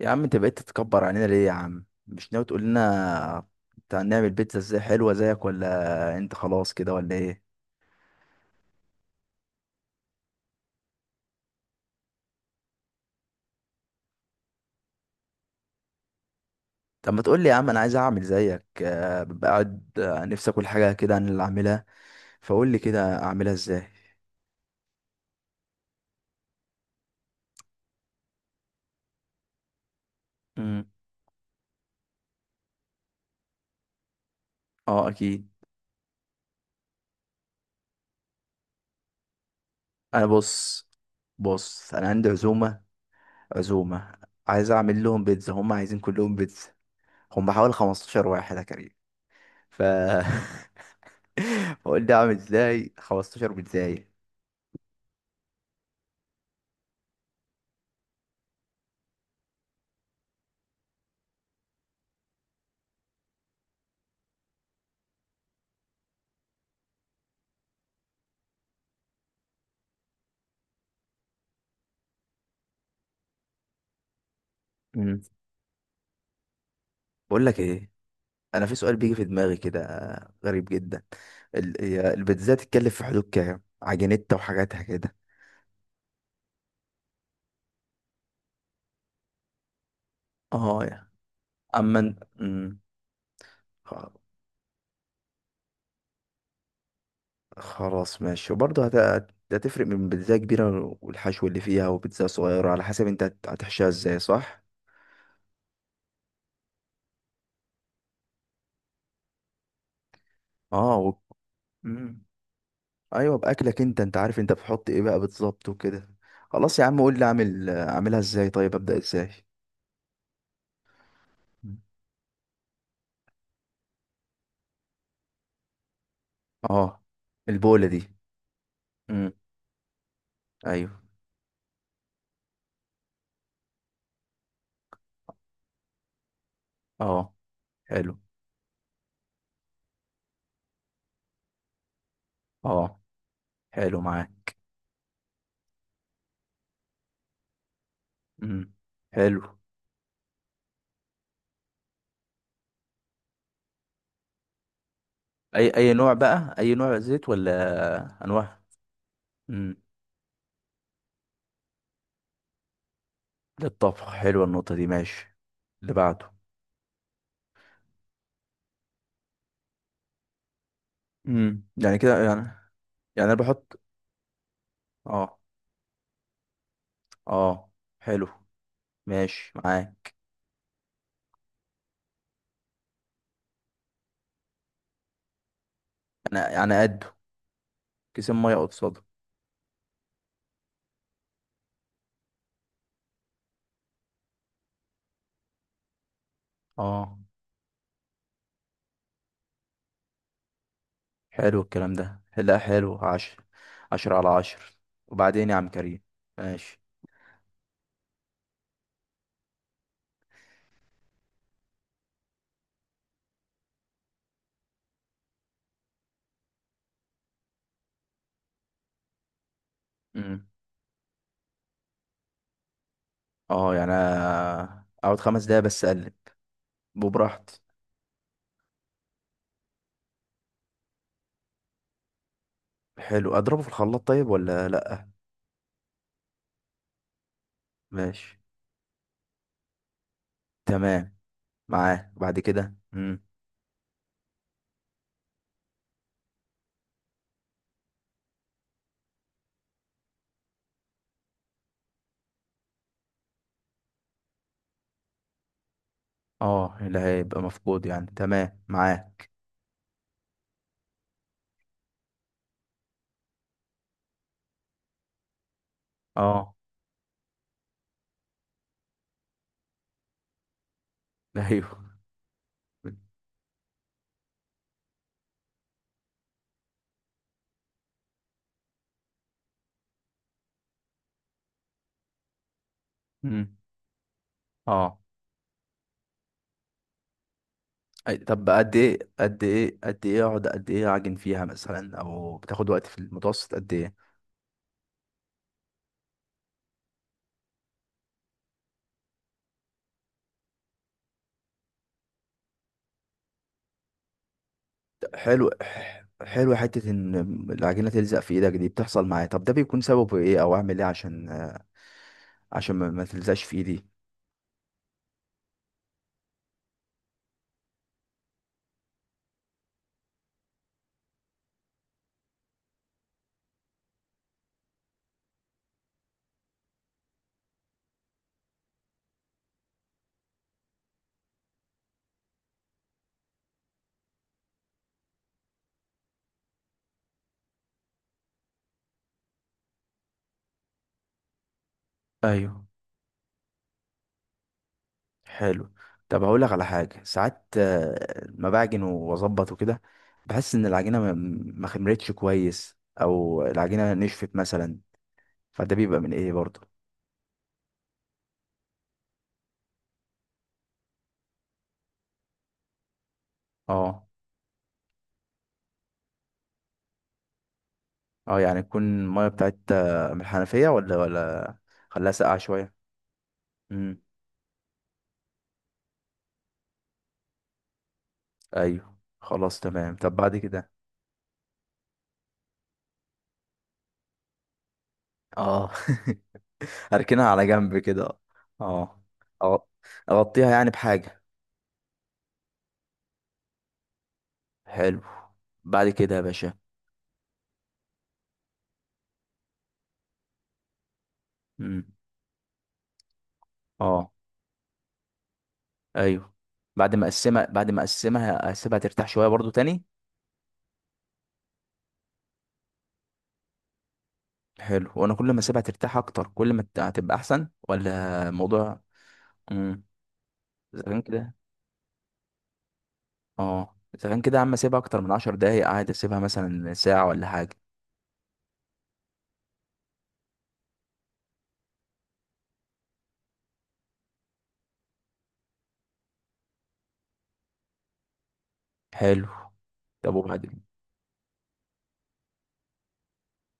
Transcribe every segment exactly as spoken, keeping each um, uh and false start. يا عم انت بقيت تتكبر علينا ليه؟ يا عم مش ناوي تقول لنا بتاع نعمل بيتزا ازاي حلوه زيك، ولا انت خلاص كده ولا ايه؟ طب ما تقول لي يا عم، انا عايز اعمل زيك آه، ببقى قاعد آه، نفسي اكل حاجه كده انا اللي اعملها. فقول لي كده اعملها ازاي. امم. اه اكيد. انا بص، بص انا عندي عزومه، عزومه عايز اعمل لهم بيتزا، هم عايزين كلهم بيتزا. هم حوالي خمسة عشر واحد يا كريم. ف فقول لي اعمل ازاي خمستاشر بيتزاية. بقول لك ايه، انا في سؤال بيجي في دماغي كده، غريب جدا. ال- هي البيتزا تتكلف في حدود كام، عجينتها وحاجاتها كده؟ اه يا. اما ان- مم. خ- خلاص ماشي. وبرضه هت... هت- هتفرق من بيتزا كبيره والحشو اللي فيها وبيتزا صغيره، على حسب انت هت- هتحشيها ازاي، صح؟ اه و... مم. ايوه باكلك، انت انت عارف انت بتحط ايه بقى بالظبط وكده. خلاص يا عم، قول لي اعمل، اعملها ازاي؟ طيب ابدا ازاي؟ مم. اه، البوله دي؟ مم. ايوه. اه حلو. اه حلو معاه. امم حلو. اي اي نوع بقى، اي نوع زيت ولا انواع؟ امم، للطبخ. حلوه النقطه دي، ماشي. اللي بعده؟ امم، يعني كده يعني؟ يعني انا بحط. اه. اه حلو ماشي معاه. انا يعني قده؟ كيسين ميه قصاده؟ اه. حلو الكلام ده، لا حلو عشر، عشرة على عشر. وبعدين يا عم كريم؟ ماشي. امم. اه يعني أنا اقعد خمس دقايق بس اقلب؟ وبراحتي. حلو، اضربه في الخلاط طيب ولا لا؟ ماشي، تمام معاه. بعد كده؟ امم. اه، اللي هيبقى مفقود يعني. تمام معاه. اه ايوه. امم. اه أي- طب قد ايه، قد ايه قد ايه، اقعد قد ايه اعجن فيها مثلا، او بتاخد وقت في المتوسط قد ايه؟ حلو. حلو حتة ان العجينة تلزق في ايدك دي بتحصل معايا، طب ده بيكون سببه ايه، او اعمل ايه عشان، عشان ما ما تلزقش في ايدي؟ ايوه. حلو. طب هقول لك على حاجه، ساعات آه، ما بعجن واظبط وكده، بحس ان العجينه ما ما خمرتش كويس، او العجينه نشفت مثلا، فده بيبقى من ايه برضه؟ اه. اه يعني تكون الميه بتاعت آه، من الحنفيه ولا، ولا خليها ساقعه شويه؟ امم، ايوه خلاص تمام. طب بعد كده؟ اه هركنها على جنب كده. اه. اه اغطيها يعني بحاجه؟ حلو. بعد كده يا باشا؟ امم. اه ايوه. بعد ما اقسمها، بعد ما اقسمها اسيبها ترتاح شويه برضو تاني. حلو. وانا كل ما اسيبها ترتاح اكتر كل ما الت- هتبقى احسن، ولا الموضوع؟ امم. اذا كان كده، اه اذا كان كده يا عم اسيبها اكتر من عشر دقايق، قاعد اسيبها مثلا ساعه ولا حاجه؟ حلو. طب وبعد كده؟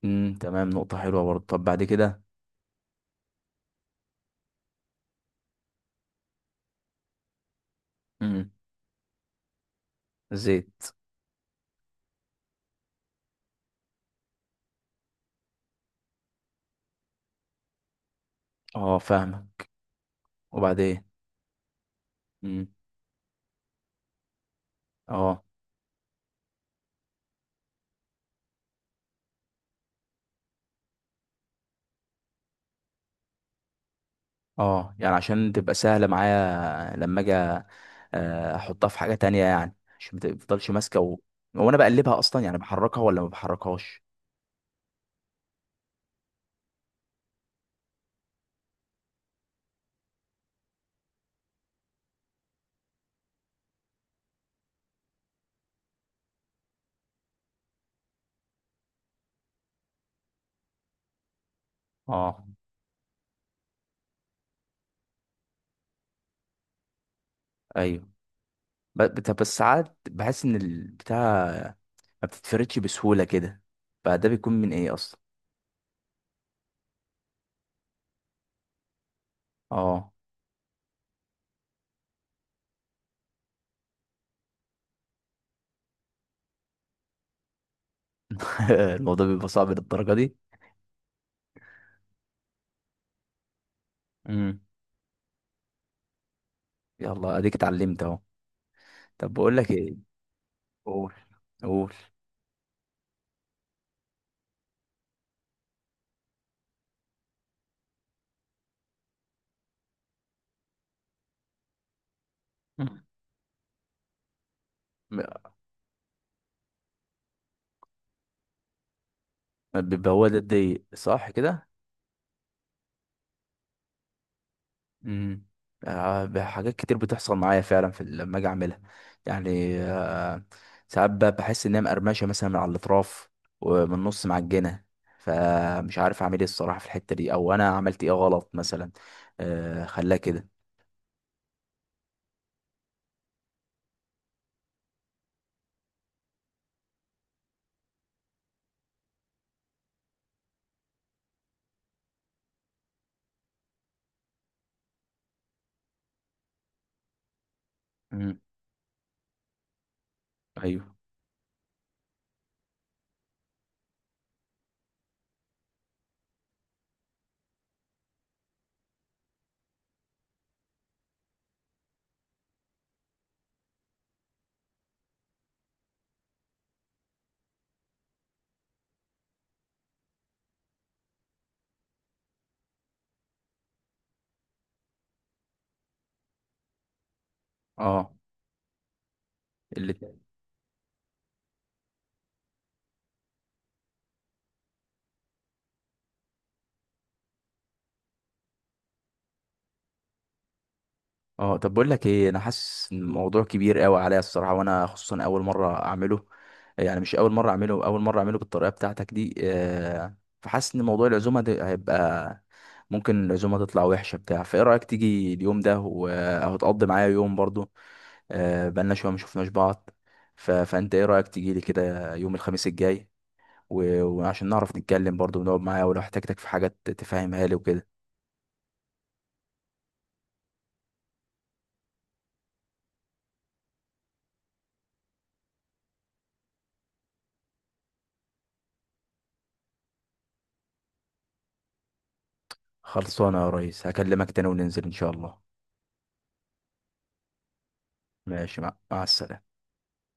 امم تمام، نقطه حلوه برضو. طب بعد كده؟ امم. زيت. اه فاهمك. وبعدين؟ امم. اه. اه يعني عشان تبقى سهلة معايا لما اجي آه، احطها في حاجة تانية يعني، عشان ما تفضلش ماسكة و... وانا بقلبها اصلا يعني، بحركها ولا ما بحركهاش؟ اه. ايوه. ب- بت- بس ساعات بحس ان البتاع ما بتتفردش بسهولة كده، فده بيكون من ايه اصلا؟ اه الموضوع بيبقى صعب للدرجة دي؟ امم. يلا اديك اتعلمت اهو. طب بقول لك ايه. قول، قول مم. م- بيبقى هو ده الضيق، صح كده؟ امم. آه، حاجات كتير بتحصل معايا فعلا في ال- لما اجي اعملها، يعني آه، ساعات ب- بحس ان هي مقرمشه مثلا من على الاطراف، ومن النص معجنه، فمش عارف اعمل ايه الصراحه في الحته دي، او انا عملت ايه غلط مثلا آه، خلاها كده؟ امم. ايوه. اه، اللي. اه طب بقول لك ايه، انا حاسس ان الموضوع كبير قوي عليا الصراحه، وانا خصوصا اول مره اعمله، يعني مش اول مره اعمله، اول مره اعمله بالطريقه بتاعتك دي آه، فحاسس ان موضوع العزومه ده هيبقى، ممكن العزومه تطلع وحشه بتاع. فايه رايك تيجي اليوم ده و- او تقضي معايا يوم برضو، آه، بقالنا شويه ما شفناش بعض، ف... فانت ايه رايك تيجي لي كده يوم الخميس الجاي، و... وعشان نعرف نتكلم برضو ونقعد معايا، ولو احتاجتك في حاجات تفهمها لي وكده. خلصانه يا ريس، هكلمك تاني وننزل ان شاء الله. ماشي، مع, مع السلامه.